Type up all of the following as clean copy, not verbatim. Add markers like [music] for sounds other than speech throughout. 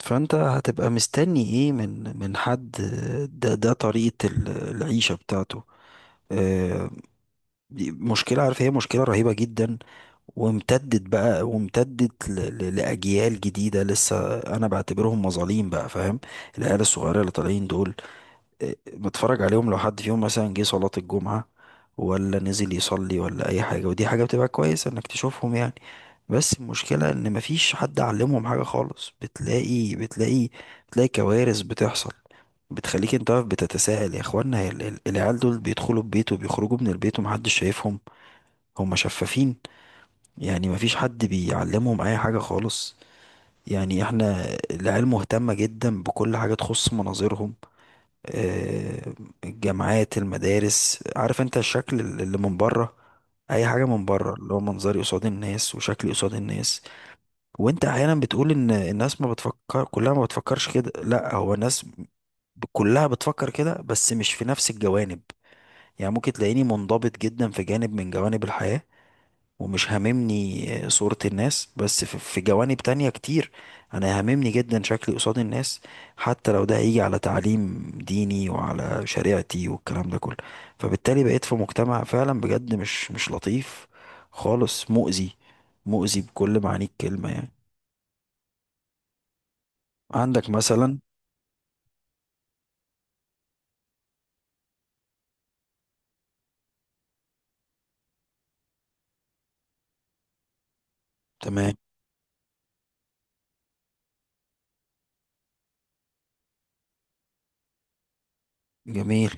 فانت هتبقى مستني ايه من حد. ده طريقة العيشة بتاعته. آه، دي مشكلة، عارف، هي مشكلة رهيبة جدا وامتدت بقى، وامتدت لأجيال جديدة لسه أنا بعتبرهم مظالم بقى، فاهم. العيال الصغيرة اللي طالعين دول بتفرج عليهم لو حد فيهم مثلا جه صلاة الجمعة ولا نزل يصلي ولا أي حاجة، ودي حاجة بتبقى كويسة إنك تشوفهم يعني. بس المشكلة إن مفيش حد علمهم حاجة خالص، بتلاقي كوارث بتحصل بتخليك انت واقف بتتساءل يا اخوانا، هي العيال دول بيدخلوا البيت وبيخرجوا من البيت ومحدش شايفهم؟ هم شفافين يعني، مفيش حد بيعلمهم اي حاجة خالص. يعني احنا العيال مهتمة جدا بكل حاجة تخص مناظرهم، آه، الجامعات، المدارس، عارف انت الشكل اللي من بره، اي حاجه من بره اللي هو منظري قصاد الناس وشكلي قصاد الناس. وانت احيانا بتقول ان الناس ما بتفكر كلها، ما بتفكرش كده، لا هو الناس كلها بتفكر كده بس مش في نفس الجوانب. يعني ممكن تلاقيني منضبط جدا في جانب من جوانب الحياه ومش هاممني صورة الناس، بس في جوانب تانية كتير انا هاممني جدا شكلي قصاد الناس، حتى لو ده هيجي على تعليم ديني وعلى شريعتي والكلام ده كله. فبالتالي بقيت في مجتمع فعلا بجد مش لطيف خالص، مؤذي، مؤذي بكل معاني الكلمة يعني. عندك مثلا. تمام. جميل.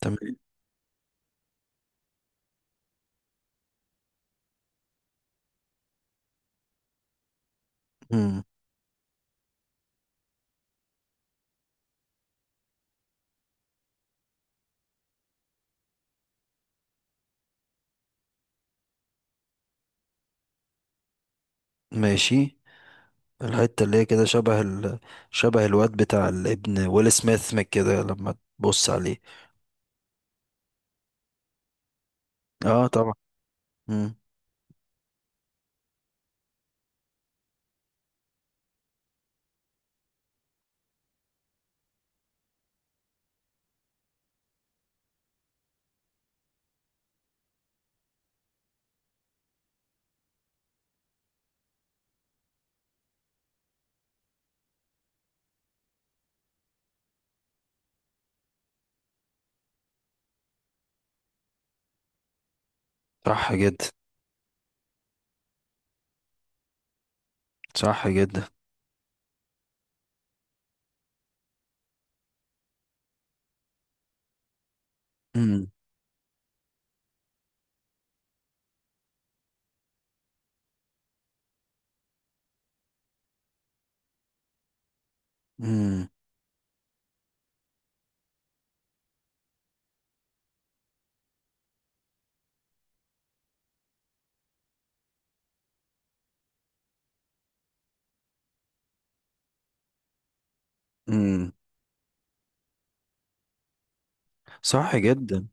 تمام. مم. ماشي. الحتة اللي هي كده شبه شبه الواد بتاع الابن ويل سميث من كده لما تبص عليه. اه طبعا. مم. صح جدا. صح جدا. امم. امم. امم. صح جدا.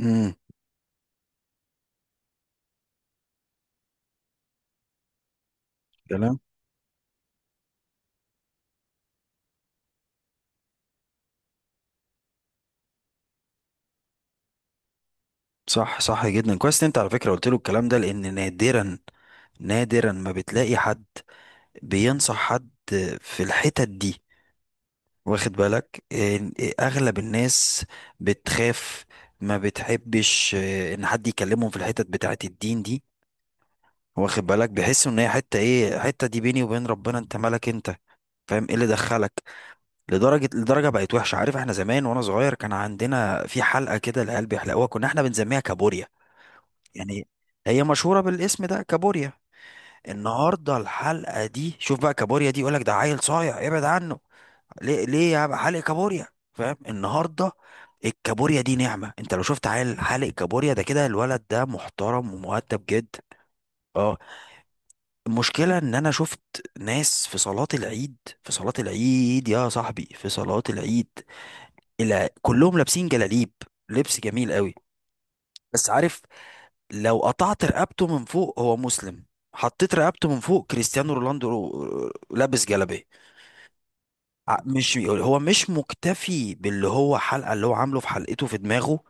امم. كلام. صح، صح جدا، كويس ان انت على فكره قلت له الكلام ده، لان نادرا، نادرا ما بتلاقي حد بينصح حد في الحتت دي. واخد بالك اغلب الناس بتخاف، ما بتحبش ان حد يكلمهم في الحتت بتاعت الدين دي. واخد بالك بيحسوا ان هي حته ايه؟ حته دي بيني وبين ربنا، انت مالك انت، فاهم؟ ايه اللي دخلك؟ لدرجة بقت وحشة. عارف احنا زمان وانا صغير كان عندنا في حلقة كده العيال بيحلقوها كنا احنا بنسميها كابوريا، يعني هي مشهورة بالاسم ده، كابوريا. النهاردة الحلقة دي، شوف بقى، كابوريا دي يقولك ده عيل صايع، ابعد عنه، ليه ليه يا بقى حالق كابوريا؟ فاهم؟ النهاردة الكابوريا دي نعمة، انت لو شفت عيل حالق كابوريا ده كده الولد ده محترم ومؤدب جدا. اه. المشكلة ان انا شفت ناس في صلاة العيد، في صلاة العيد يا صاحبي، في صلاة العيد، الى كلهم لابسين جلاليب، لبس جميل قوي، بس عارف، لو قطعت رقبته من فوق هو مسلم، حطيت رقبته من فوق كريستيانو رونالدو، لابس جلابيه. مش هو مش مكتفي باللي هو حلقه اللي هو عامله في حلقته في دماغه،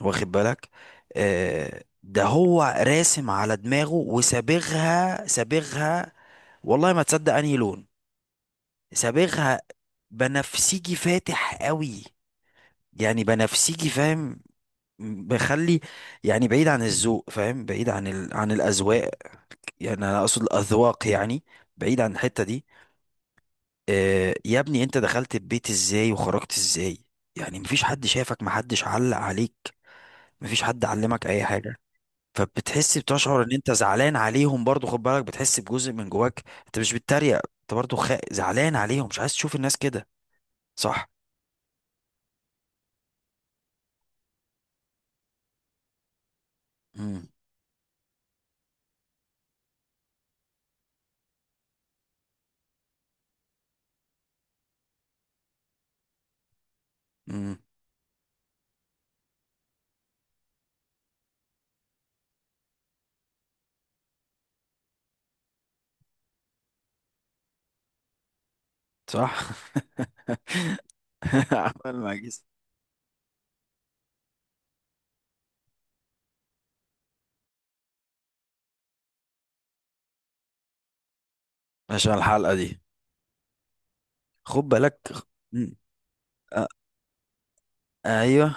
واخد بالك، ده هو راسم على دماغه وسابغها، سابغها والله ما تصدق انهي لون سابغها، بنفسجي فاتح قوي، يعني بنفسجي، فاهم؟ بخلي، يعني بعيد عن الذوق، فاهم، بعيد عن عن الاذواق، يعني انا اقصد الاذواق يعني، بعيد عن الحته دي. آه يا ابني، انت دخلت البيت ازاي وخرجت ازاي؟ يعني مفيش حد شافك، محدش علق عليك، مفيش حد علمك اي حاجه. فبتحس، بتشعر ان انت زعلان عليهم برضو، خد بالك، بتحس بجزء من جواك انت مش بتتريق، انت برضو زعلان عليهم، مش عايز تشوف الناس كده. صح. امم. امم. صح. [laughs] عمال ما. عشان الحلقه دي، خد بالك. مم. آه. ايوه.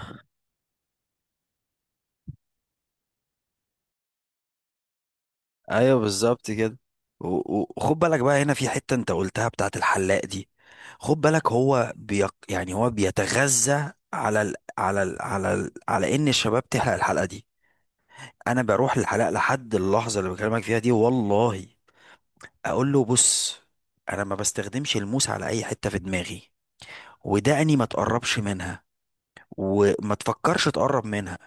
ايوه بالظبط كده. و- وخد بالك بقى هنا في حتة انت قلتها بتاعت الحلاق دي. خد بالك هو يعني هو بيتغذى على على ان الشباب تحلق الحلقة دي. انا بروح الحلاق لحد اللحظة اللي بكلمك فيها دي والله، اقول له بص، انا ما بستخدمش الموس على اي حتة في دماغي، ودقني ما تقربش منها وما تفكرش تقرب منها،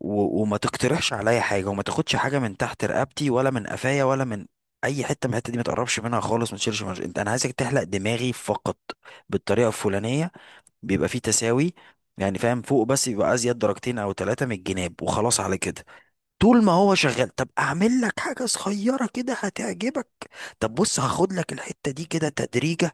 و... وما تقترحش عليا حاجه، وما تاخدش حاجه من تحت رقبتي ولا من قفايا ولا من اي حته من الحته دي، ما تقربش منها خالص، ما تشيلش مش... انت انا عايزك تحلق دماغي فقط بالطريقه الفلانيه، بيبقى فيه تساوي يعني، فاهم، فوق بس يبقى ازيد درجتين او ثلاثه من الجناب وخلاص على كده. طول ما هو شغال، طب اعمل لك حاجه صغيره كده هتعجبك، طب بص هاخد لك الحته دي كده تدريجة،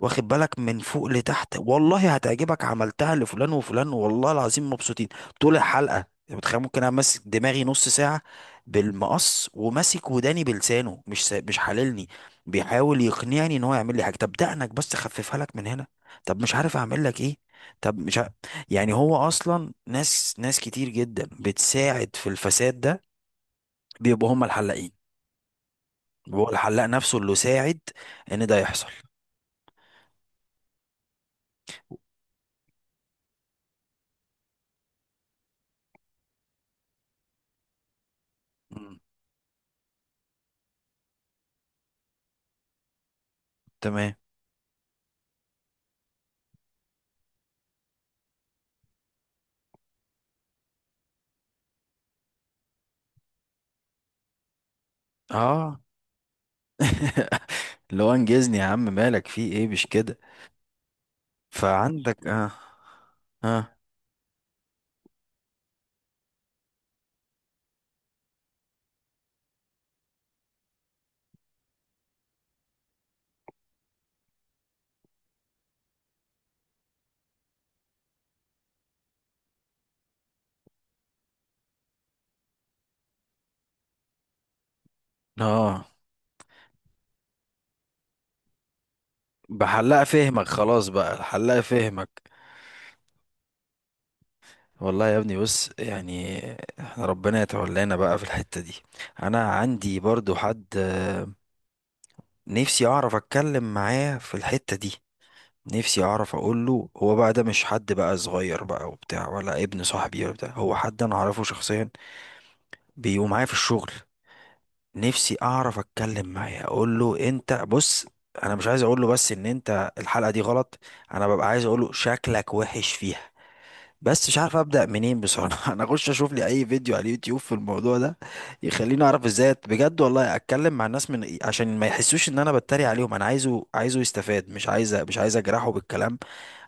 واخد بالك، من فوق لتحت والله هتعجبك، عملتها لفلان وفلان والله العظيم مبسوطين. طول الحلقة، انت متخيل ممكن انا ماسك دماغي نص ساعة بالمقص وماسك وداني بلسانه مش حللني، بيحاول يقنعني ان هو يعمل لي حاجة، طب دقنك بس خففها لك من هنا، طب مش عارف اعمل لك ايه، طب مش ع... يعني هو اصلا ناس كتير جدا بتساعد في الفساد ده، بيبقوا هم الحلاقين، هو الحلاق نفسه اللي ساعد ان ده يحصل. مم. تمام. اه. [laughs] اللي هو انجزني يا عم، مالك في ايه، مش كده. فعندك اه اه اه. بحلقة فهمك، خلاص بقى، الحلقة فهمك. والله يا ابني بص، يعني احنا ربنا يتولانا بقى في الحتة دي. انا عندي برضو حد، نفسي اعرف اتكلم معاه في الحتة دي، نفسي اعرف اقول له، هو بقى ده مش حد بقى صغير بقى وبتاع ولا ابن صاحبي ولا بتاع، هو حد انا اعرفه شخصيا، بيبقوا معايا في الشغل. نفسي اعرف اتكلم معاه اقول له، انت بص، انا مش عايز اقول له بس ان انت الحلقه دي غلط، انا ببقى عايز اقول له شكلك وحش فيها، بس مش عارف ابدا منين بصراحه. [laughs] انا اخش اشوف لي اي فيديو على اليوتيوب في الموضوع ده يخليني اعرف ازاي بجد والله اتكلم مع الناس من إيه، عشان ما يحسوش ان انا بتريق عليهم، انا عايزه يستفاد، مش عايز اجرحه بالكلام،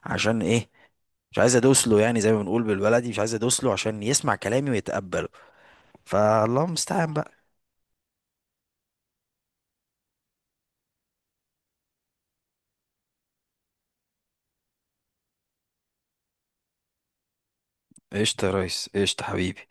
عشان ايه، مش عايز ادوس له يعني زي ما بنقول بالبلدي، مش عايز ادوس له عشان يسمع كلامي ويتقبله. فالله المستعان بقى. قشطة يا ريس، قشطة حبيبي.